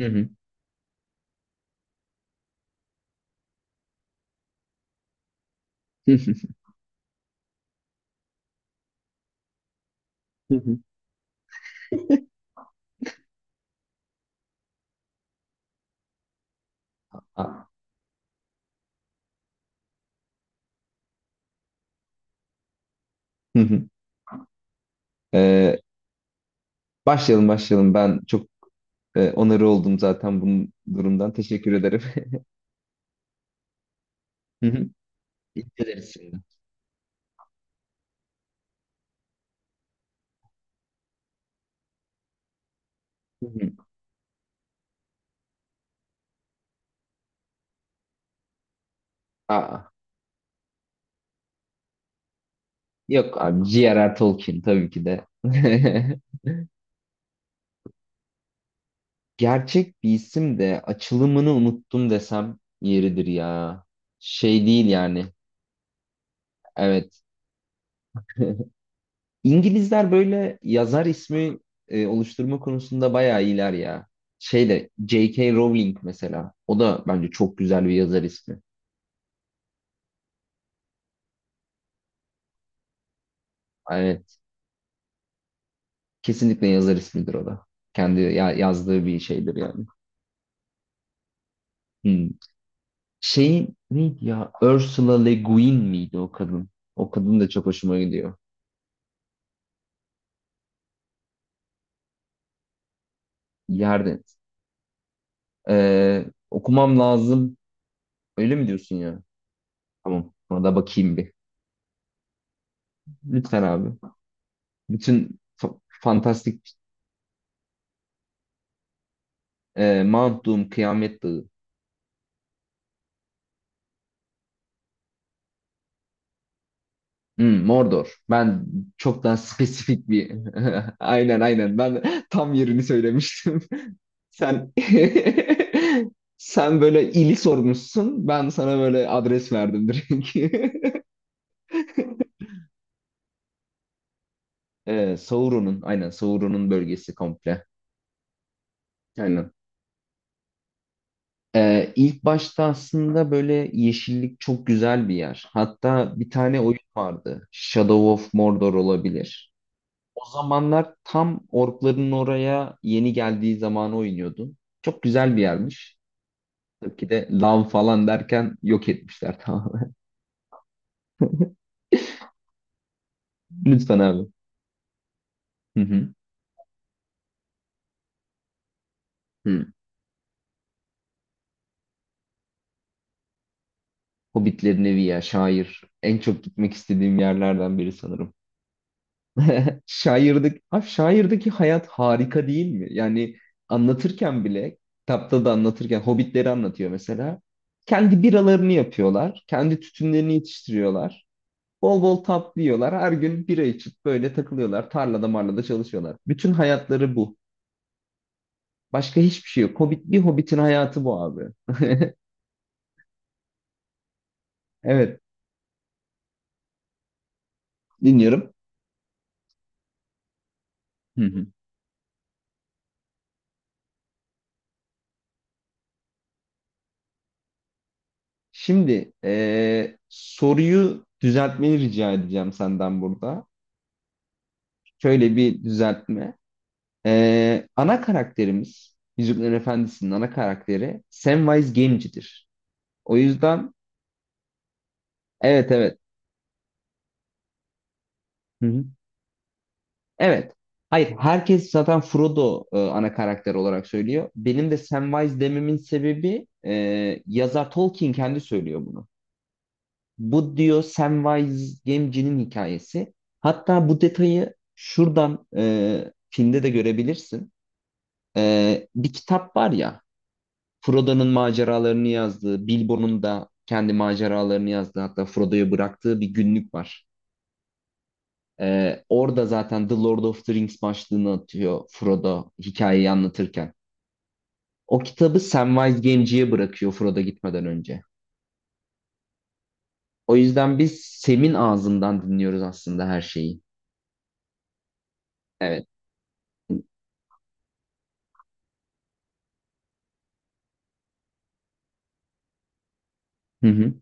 Hı hı. Hı hı. Hı hı. Ha, hı hı. Ee, başlayalım, başlayalım. Ben çok onarı oldum zaten bunun durumdan. Teşekkür ederim. Hı hı. Dikkat şimdi. Hı hı. Aa, Yok abi, J.R.R. Tolkien tabii ki de. Gerçek bir isim de açılımını unuttum desem yeridir ya. Şey değil yani. Evet. İngilizler böyle yazar ismi oluşturma konusunda bayağı iyiler ya. Şey de J.K. Rowling mesela. O da bence çok güzel bir yazar ismi. Evet. Kesinlikle yazar ismidir o da. Kendi yazdığı bir şeydir yani. Hmm. Şey neydi ya? Ursula Le Guin miydi o kadın? O kadın da çok hoşuma gidiyor. Yerde. Ee, Okumam lazım. Öyle mi diyorsun ya? Tamam. Ona da bakayım bir. Lütfen abi. Bütün fantastik. Mount Doom, Kıyamet Dağı. Hmm, Mordor. Ben çok daha spesifik bir... Aynen, aynen. Ben tam yerini söylemiştim. Sen sen böyle ili sormuşsun. Ben sana böyle adres verdim direkt. Sauron'un, aynen, Sauron'un bölgesi komple. Aynen. İlk başta aslında böyle yeşillik çok güzel bir yer. Hatta bir tane oyun vardı. Shadow of Mordor olabilir. O zamanlar tam orkların oraya yeni geldiği zamanı oynuyordum. Çok güzel bir yermiş. Tabii ki de lav falan derken yok etmişler tamamen. Lütfen abi. Hı hı. Hı. Hobbitlerin evi ya şair. En çok gitmek istediğim yerlerden biri sanırım. Şairdeki, abi, şairdeki hayat harika değil mi? Yani anlatırken bile, kitapta da anlatırken Hobbitleri anlatıyor mesela. Kendi biralarını yapıyorlar. Kendi tütünlerini yetiştiriyorlar. Bol bol tatlı yiyorlar. Her gün bira içip böyle takılıyorlar. Tarlada marlada çalışıyorlar. Bütün hayatları bu. Başka hiçbir şey yok. Hobbit, bir Hobbit'in hayatı bu abi. Evet, dinliyorum. Hı hı. Şimdi soruyu düzeltmeni rica edeceğim senden burada. Şöyle bir düzeltme. Ana karakterimiz, Yüzüklerin Efendisi'nin ana karakteri Samwise Gamgee'dir. O yüzden evet, evet. Hı hı. Evet. Hayır, herkes zaten Frodo ana karakter olarak söylüyor. Benim de Samwise dememin sebebi yazar Tolkien kendi söylüyor bunu. Bu diyor Samwise Gamgee'nin hikayesi. Hatta bu detayı şuradan filmde de görebilirsin. Bir kitap var ya, Frodo'nun maceralarını yazdığı, Bilbo'nun da kendi maceralarını yazdığı, hatta Frodo'ya bıraktığı bir günlük var. Orada zaten The Lord of the Rings başlığını atıyor Frodo hikayeyi anlatırken. O kitabı Samwise Gamgee'ye bırakıyor Frodo gitmeden önce. O yüzden biz Sem'in ağzından dinliyoruz aslında her şeyi. Evet. Hı hı.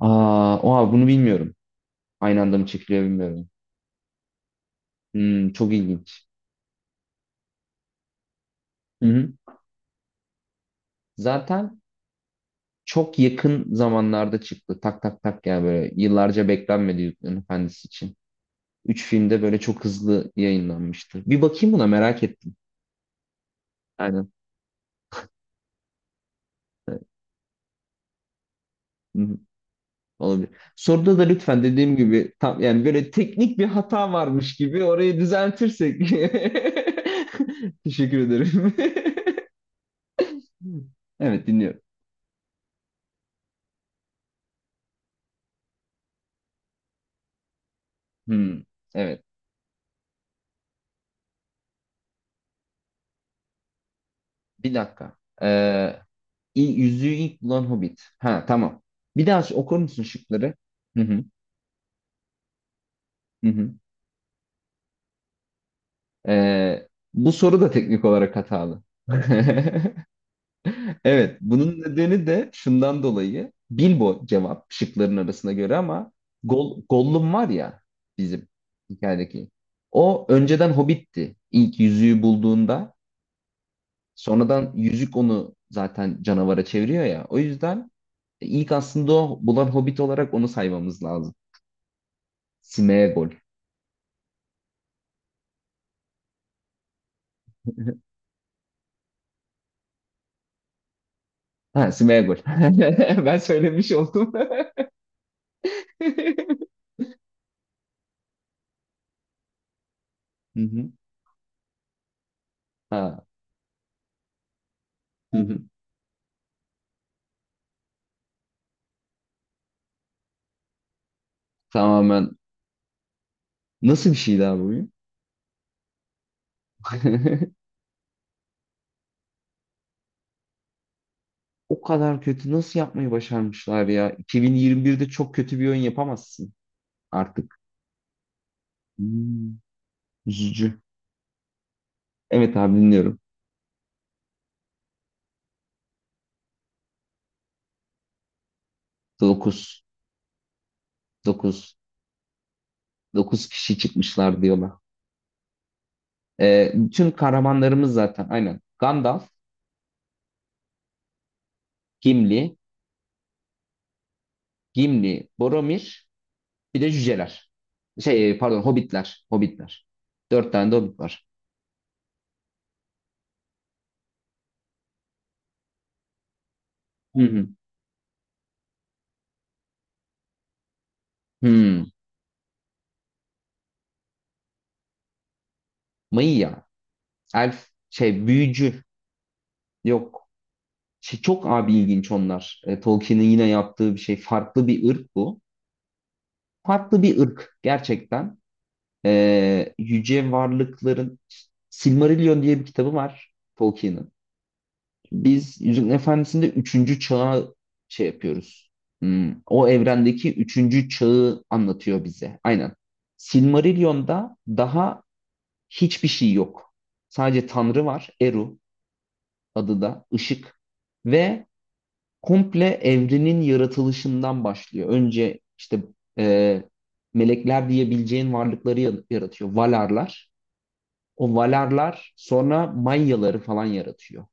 Oha, bunu bilmiyorum. Aynı anda mı çekiliyor bilmiyorum. Hmm, çok ilginç. Hı hı. Zaten çok yakın zamanlarda çıktı. Tak tak tak, yani böyle yıllarca beklenmedi Yüzüklerin Efendisi için. Üç filmde böyle çok hızlı yayınlanmıştı. Bir bakayım buna, merak ettim. Aynen. Hı hı, olabilir. Soruda da lütfen dediğim gibi tam yani böyle teknik bir hata varmış gibi orayı düzeltirsek. Teşekkür ederim. Evet, dinliyorum. Hmm, evet. Bir dakika. Ee, yüzüğü ilk bulan Hobbit. Ha, tamam. Bir daha okur musun şıkları? Hı hı, hı hı. Ee, Bu soru da teknik olarak hatalı. Evet, bunun nedeni de şundan dolayı, Bilbo cevap şıkların arasına göre ama Gollum var ya bizim hikayedeki. O önceden Hobbit'ti. İlk yüzüğü bulduğunda sonradan yüzük onu zaten canavara çeviriyor ya. O yüzden ilk aslında o bulan Hobbit olarak onu saymamız lazım. Smeagol. Ha, Smeagol. Ben söylemiş oldum. Hı hı. Ha. Hı hı. Tamamen. Nasıl bir şeydi abi bu oyun? O kadar kötü nasıl yapmayı başarmışlar ya? 2021'de çok kötü bir oyun yapamazsın artık. Hmm, üzücü. Evet abi, dinliyorum. Dokuz, dokuz, dokuz kişi çıkmışlar diyorlar. Bütün kahramanlarımız zaten, aynen. Gandalf, Gimli, Gimli, Boromir, bir de cüceler. Pardon, Hobbitler. Dört tane de hobbit var. Hı hı. Hmm. Maya. Elf şey büyücü. Yok. Çok abi ilginç onlar. Tolkien'in yine yaptığı bir şey. Farklı bir ırk bu. Farklı bir ırk gerçekten. E, yüce varlıkların Silmarillion diye bir kitabı var Tolkien'in. Biz Yüzüklerin Efendisi'nde üçüncü çağı şey yapıyoruz. Hmm, o evrendeki üçüncü çağı anlatıyor bize. Aynen. Silmarillion'da daha hiçbir şey yok. Sadece Tanrı var. Eru adı da. Işık. Ve komple evrenin yaratılışından başlıyor. Önce işte e, melekler diyebileceğin varlıkları yaratıyor. Valarlar. O Valarlar sonra Mayaları falan yaratıyor.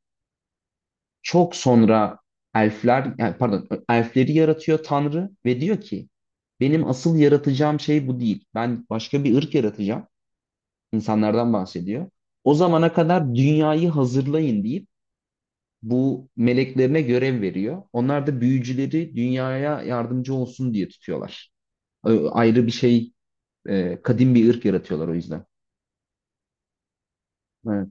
Çok sonra elfleri yaratıyor Tanrı ve diyor ki benim asıl yaratacağım şey bu değil. Ben başka bir ırk yaratacağım. İnsanlardan bahsediyor. O zamana kadar dünyayı hazırlayın deyip bu meleklerine görev veriyor. Onlar da büyücüleri dünyaya yardımcı olsun diye tutuyorlar. Ö- Ayrı bir şey, e, kadim bir ırk yaratıyorlar o yüzden. Evet.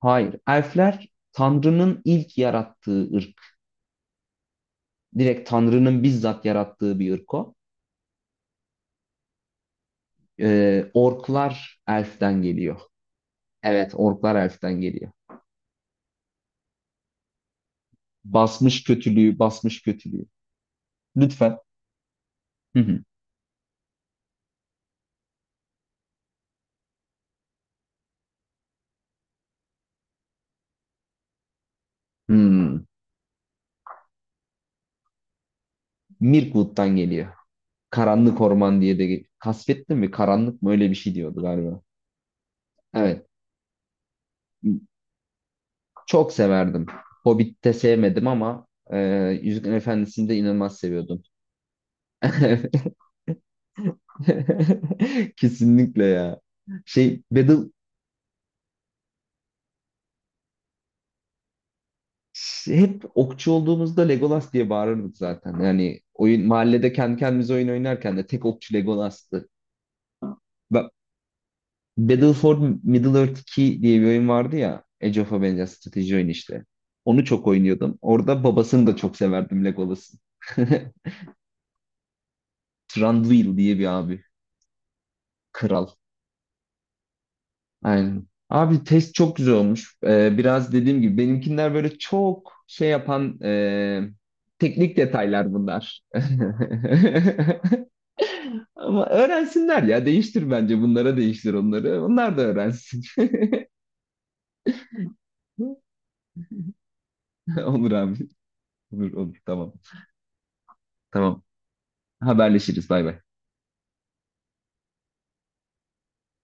Hayır, elfler Tanrı'nın ilk yarattığı ırk. Direkt Tanrı'nın bizzat yarattığı bir ırk o. Orklar elften geliyor. Evet, orklar elften geliyor. Basmış kötülüğü, basmış kötülüğü. Lütfen. Hı hı. Hmm. Mirkwood'dan geliyor. Karanlık Orman diye de, kasvetli mi karanlık mı öyle bir şey diyordu galiba. Evet. Çok severdim. Hobbit'te sevmedim ama Yüzüklerin Efendisi'ni de inanılmaz seviyordum. Kesinlikle ya. Şey Battle hep okçu olduğumuzda Legolas diye bağırırdık zaten. Yani oyun mahallede kendi kendimize oyun oynarken de tek okçu Legolas'tı. Ben, Battle for Middle-earth 2 diye bir oyun vardı ya. Age of Avengers'a strateji oyunu işte. Onu çok oynuyordum. Orada babasını da çok severdim Legolas'ın. Thranduil diye bir abi. Kral. Aynen. Abi test çok güzel olmuş. Biraz dediğim gibi benimkiler böyle çok şey yapan teknik detaylar bunlar. Ama öğrensinler ya. Değiştir bence bunlara değiştir onları. Onlar da öğrensin. Olur abi. Olur, olur, tamam. Tamam. Haberleşiriz. Bay bay.